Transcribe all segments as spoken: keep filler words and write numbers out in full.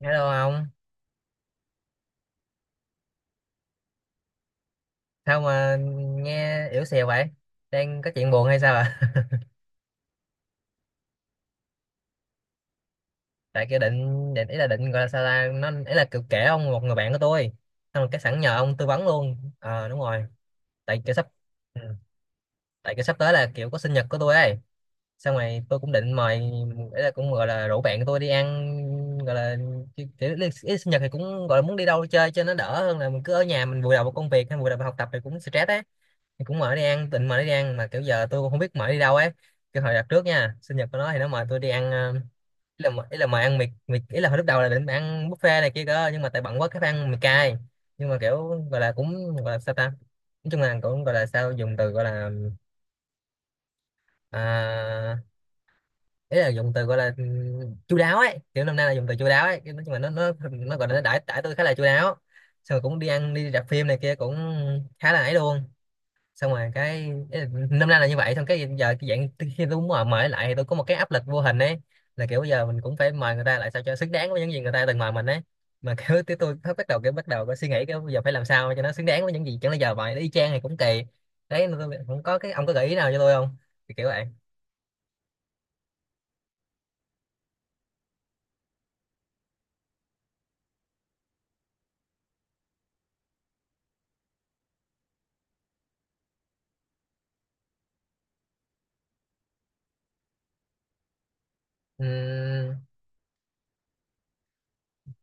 Hello ông, sao mà nghe yếu xìu vậy? Đang có chuyện buồn hay sao ạ? Tại kia định định ý là định gọi là sao ta, nó ý là kiểu kể ông một người bạn của tôi. Xong rồi cái sẵn nhờ ông tư vấn luôn. Ờ đúng rồi. Tại kiểu sắp ừ. Tại kiểu sắp tới là kiểu có sinh nhật của tôi ấy. Xong rồi tôi cũng định mời ý là cũng gọi là rủ bạn của tôi đi ăn gọi là kiểu, kiểu ý là sinh nhật thì cũng gọi là muốn đi đâu chơi cho nó đỡ hơn là mình cứ ở nhà mình vùi đầu vào công việc hay vùi đầu vào học tập thì cũng stress ấy. Thì cũng mở đi ăn tịnh mở đi ăn mà kiểu giờ tôi cũng không biết mở đi đâu ấy, cái hồi đặt trước nha sinh nhật của nó thì nó mời tôi đi ăn ờ, ý là ý là mời ăn mì mì ý là hồi lúc đầu là định ăn buffet này kia cơ nhưng mà tại bận quá cái phải ăn mì cay, nhưng mà kiểu gọi là cũng gọi là sao ta, nói chung là cũng gọi là sao dùng từ gọi là à, ý là dùng từ gọi là ừ, chu đáo ấy, kiểu năm nay là dùng từ chu đáo ấy. Cái nói chung là nó nó nó gọi là nó đãi đãi tôi khá là chu đáo, xong rồi cũng đi ăn đi rạp phim này kia cũng khá là ấy luôn, xong rồi cái năm nay là như vậy, xong cái giờ cái dạng khi tôi muốn mời mời lại thì tôi có một cái áp lực vô hình ấy, là kiểu giờ mình cũng phải mời người ta lại sao cho xứng đáng với những gì người ta từng mời mình ấy, mà kiểu tới tôi bắt đầu kiểu bắt đầu có suy nghĩ cái bây giờ phải làm sao cho nó xứng đáng với những gì, chẳng lẽ giờ mời nó y chang thì cũng kỳ đấy, nên tôi không có cái ông có gợi ý nào cho tôi không, thì kiểu vậy. Ừm,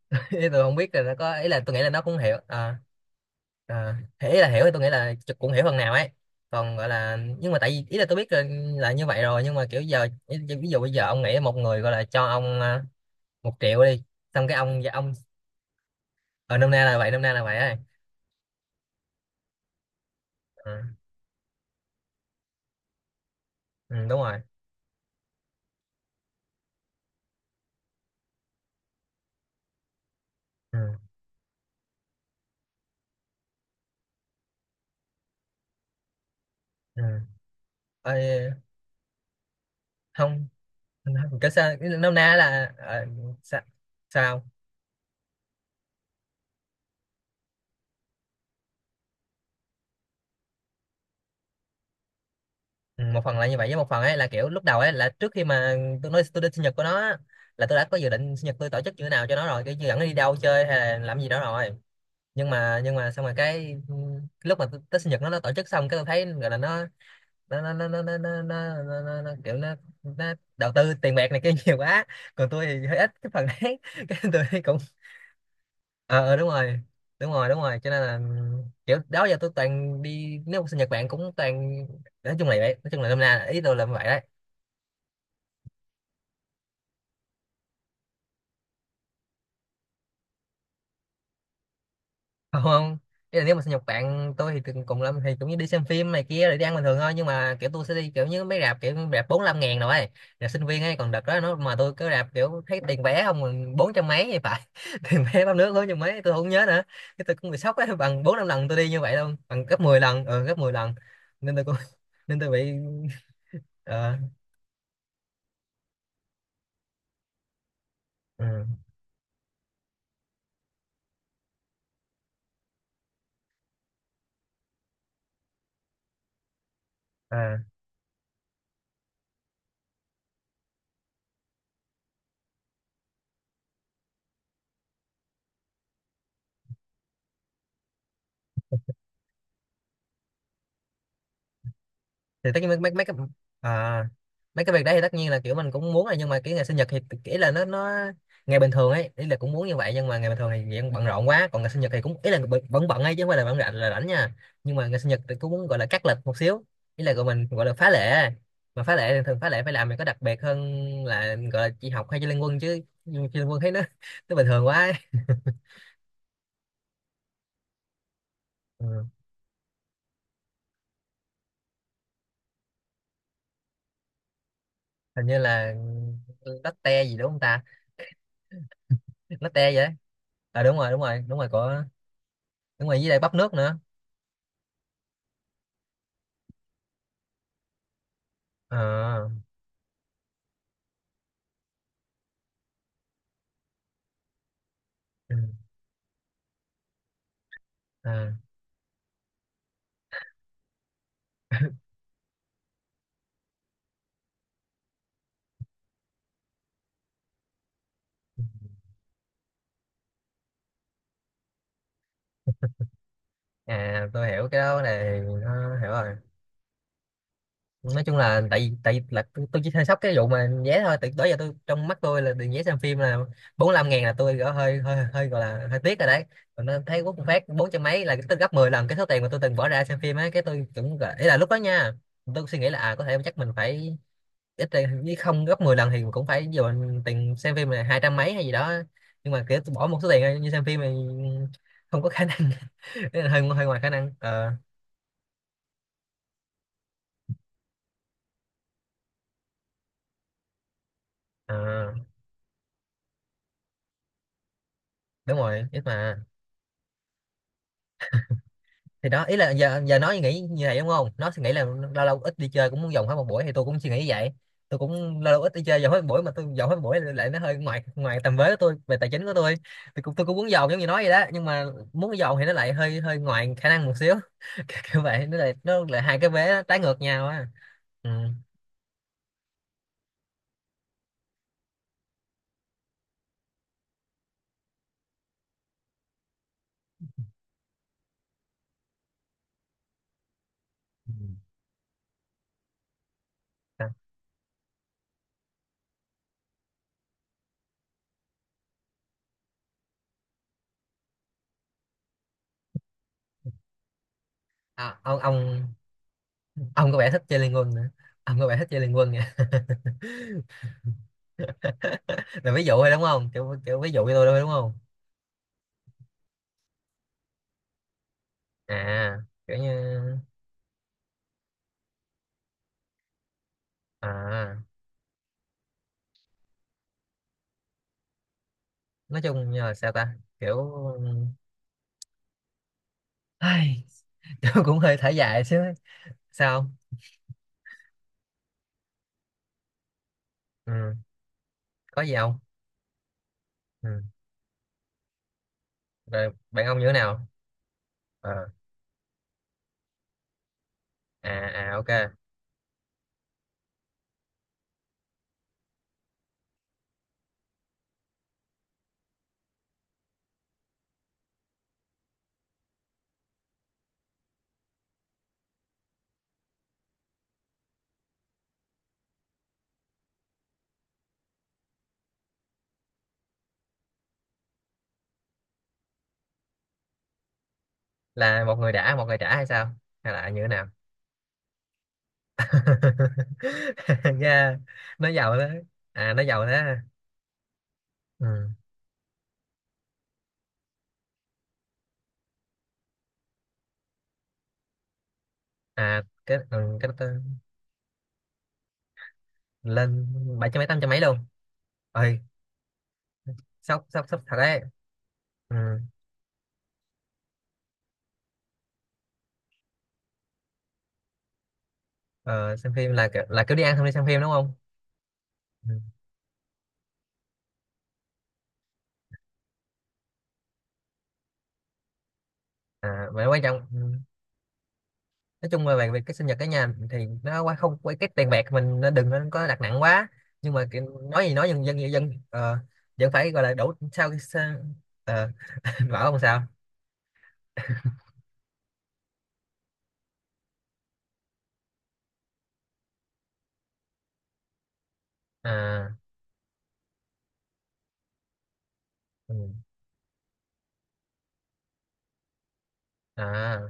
tôi không biết là nó có ý là tôi nghĩ là nó cũng hiểu. Ờ à, thì ý là hiểu thì tôi nghĩ là chụp cũng hiểu phần nào ấy, còn gọi là nhưng mà tại vì ý là tôi biết là, là như vậy rồi, nhưng mà kiểu giờ ý- ví dụ bây giờ ông nghĩ một người gọi là cho ông à, một triệu đi, xong cái ông ông ở nôm na là vậy, nôm na là vậy ấy. ừ, ừ, đúng rồi. Ừ, ừ. Ôi, không không, kiểu sao ý là nôm na là ờ, sao, sao? Ừ, một phần là như vậy với một phần ấy là kiểu lúc đầu ấy là trước khi mà tôi nói tôi đi sinh nhật của nó á, là tôi đã có dự định sinh nhật tôi tổ chức như thế nào cho nó rồi cái dẫn nó đi đâu chơi hay là làm gì đó rồi, nhưng mà nhưng mà xong rồi cái ừ, lúc mà Tết sinh nhật nó nó tổ chức xong cái tôi thấy gọi là nó nó nó nó nó nó, nó, nó, nó, nó, nó kiểu nó, nó đầu tư tiền bạc này kia nhiều quá, còn tôi thì hơi ít cái phần đấy cái tôi thấy cũng ờ ờ, đúng rồi, đúng rồi đúng rồi cho nên là ừ, kiểu đó giờ tôi toàn đi nếu mà sinh nhật bạn cũng toàn nói chung là vậy, nói chung là năm nay ý tôi là vậy đấy. Không, không. Ý là nếu mà sinh nhật bạn tôi thì từng cùng lắm thì cũng như đi xem phim này kia rồi đi ăn bình thường thôi, nhưng mà kiểu tôi sẽ đi kiểu như mấy rạp kiểu rạp bốn năm ngàn rồi ấy. Rạp sinh viên ấy, còn đợt đó nó mà tôi cứ rạp kiểu thấy tiền vé không còn bốn trăm mấy thì phải, tiền vé bắp nước bốn trăm mấy tôi không nhớ nữa, cái tôi cũng bị sốc ấy bằng bốn năm lần tôi đi như vậy luôn, bằng gấp mười lần. Ừ, gấp mười lần, nên tôi cũng nên tôi bị ờ. Ừ. Ờ. Thì tất nhiên mấy mấy, mấy cái à, mấy cái việc đấy thì tất nhiên là kiểu mình cũng muốn rồi, nhưng mà cái ngày sinh nhật thì ý là nó nó ngày bình thường ấy ý là cũng muốn như vậy nhưng mà ngày bình thường thì dạng bận rộn quá, còn ngày sinh nhật thì cũng ý là bận- vẫn bận ấy chứ không phải là bận rộn là rảnh nha, nhưng mà ngày sinh nhật thì cũng muốn gọi là cắt lịch một xíu, ý là gọi mình gọi là phá lệ, mà phá lệ thì thường phá lệ phải làm mình có đặc biệt hơn, là gọi là chị học hay chơi liên quân chứ, chơi liên quân thấy nó nó bình thường quá ấy. Ừ. Hình như là latte gì đúng không ta, latte vậy. À đúng rồi đúng rồi đúng rồi có, đúng rồi với lại bắp nước nữa. Ờ, ừ, à, à tôi hiểu cái đó này nó hiểu rồi, nói chung là tại vì tại vì là tôi, tôi chỉ hơi sốc cái vụ mà vé thôi, từ đó giờ tôi trong mắt tôi là tiền vé xem phim là bốn lăm ngàn là tôi gọi hơi hơi hơi gọi là hơi tiếc rồi đấy, còn nó thấy quốc phát bốn trăm mấy là cái tôi gấp mười lần cái số tiền mà tôi từng bỏ ra xem phim ấy, cái tôi cũng gọi- ý là lúc đó nha tôi suy nghĩ là à có thể chắc mình phải ít ra- với không gấp mười lần thì cũng phải dồn tiền xem phim là hai trăm mấy hay gì đó, nhưng mà kiểu tôi bỏ một số tiền như xem phim này không có khả năng. Ý là hơi hơi ngoài khả năng ờ. Ờ, đúng rồi ít mà. Thì đó ý là giờ giờ nó nghĩ như vậy đúng không, nó suy nghĩ là lâu lâu ít đi chơi cũng muốn dồn hết một buổi, thì tôi cũng suy nghĩ như vậy, tôi cũng lâu lâu ít đi chơi dồn hết một buổi, mà tôi dồn hết một buổi lại nó hơi ngoài ngoài tầm với của tôi về tài chính của tôi, thì cũng tôi cũng muốn dồn giống như nói vậy đó, nhưng mà muốn dồn thì nó lại hơi hơi ngoài khả năng một xíu, kiểu kiểu vậy nó lại nó lại hai cái vế nó trái ngược nhau á. Ừ. Ừ. À, ông ông ông có vẻ thích chơi liên quân nữa, ông có vẻ thích chơi liên quân nha. Là ví dụ thôi đúng không, kiểu, kiểu ví dụ cho tôi thôi đúng không. À kiểu như à nói chung như là sao ta, kiểu ai tôi cũng hơi thở dài chứ, sao không? Ừ. Có gì không? Ừ. Rồi bạn ông như thế nào. Ờ. À à ok, là một người đã một người trả hay sao, hay là như thế nào. Nghe nói giàu đó, à nói giàu đó ha. Ừ. À cái ừ, cái đó- tên lên bảy trăm mấy tám trăm mấy luôn, ơi sốc sốc sốc thật đấy. Ừ. Ờ, xem phim là kiểu- là kiểu đi ăn xong đi xem phim đúng không? Ừ. À, vậy quan trọng ừ, nói chung là về việc cái sinh nhật cả nhà thì nó quá không quá cái tiền bạc mình nó đừng nên có đặt nặng quá, nhưng mà kiểu, nói gì nói dân dân dân ờ, vẫn phải gọi là đủ sao cái sao- ờ, bảo không sao à ừ, à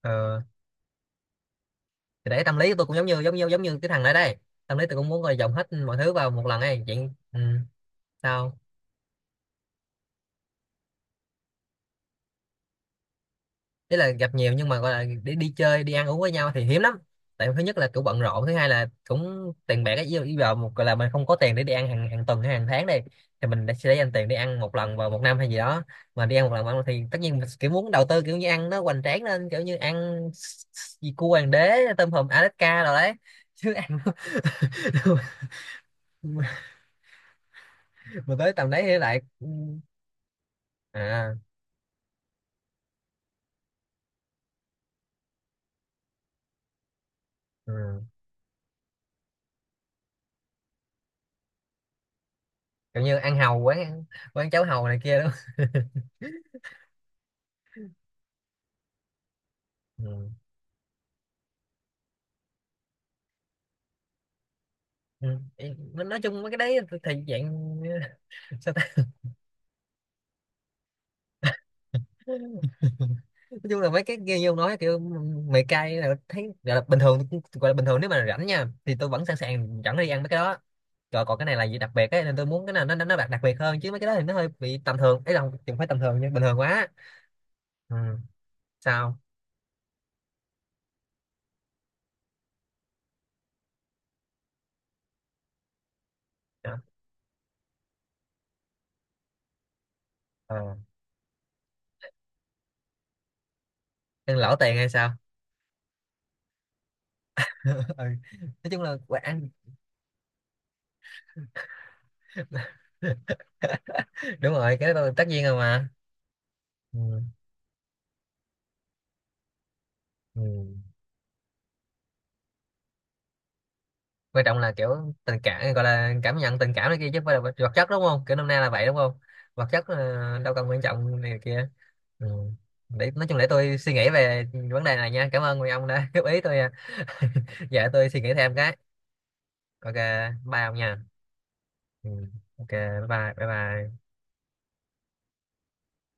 ờ, thì đấy tâm lý của tôi cũng giống như giống như giống như cái thằng ở đây, tâm lý tôi cũng muốn gọi dồn hết mọi thứ vào một lần ấy chuyện ừ, sao, ý là gặp nhiều nhưng mà gọi là đi đi chơi đi ăn uống với nhau thì hiếm lắm, tại thứ nhất là cũng bận rộn, thứ hai là cũng tiền bạc ấy yêu yêu vào một gọi là mình không có tiền để đi ăn hàng hàng tuần hay hàng tháng đây, thì mình đã- sẽ dành tiền để ăn một lần vào một năm hay gì đó, mà đi ăn một lần vào một năm thì tất nhiên mình kiểu muốn đầu tư kiểu như ăn nó hoành tráng lên, kiểu như ăn s- s- gì cua hoàng đế tôm hùm Alaska rồi đấy, chứ ăn mà tới tầm đấy thì lại ừ, à ừ. Kiểu như ăn hàu quán, quán cháo hàu này kia đó. Ừ. Ừ. Em- nói chung mấy cái đấy thì thì dạng sao ta, nói chung là mấy cái kia như ông nói kiểu mày cay là thấy gọi là bình thường, gọi là bình thường nếu mà rảnh nha thì tôi vẫn sẵn sàng rảnh đi ăn mấy cái đó, rồi còn cái này là gì đặc biệt ấy nên tôi muốn cái nào nó nó nó đặc đặc biệt hơn, chứ mấy cái đó thì nó hơi bị tầm thường ấy, là không không phải tầm thường nha, bình thường quá. Ừ. Sao. Dạ. Ờ. Ăn lỗ tiền hay sao. Ừ. Nói chung là ăn đúng rồi cái đó là tất nhiên rồi mà. Ừ. Ừ. Quan trọng là kiểu tình cảm gọi là cảm nhận tình cảm này kia chứ không phải là vật vật chất đúng không, kiểu năm nay là vậy đúng không, vật chất ờ, đâu cần quan trọng này kia. Ừ. Để nói chung để tôi suy nghĩ về vấn đề này nha, cảm ơn người ông đã góp ý tôi, giờ tôi suy nghĩ thêm cái ok, bye ông nha. Ừ. Ok, bye bye bye bye.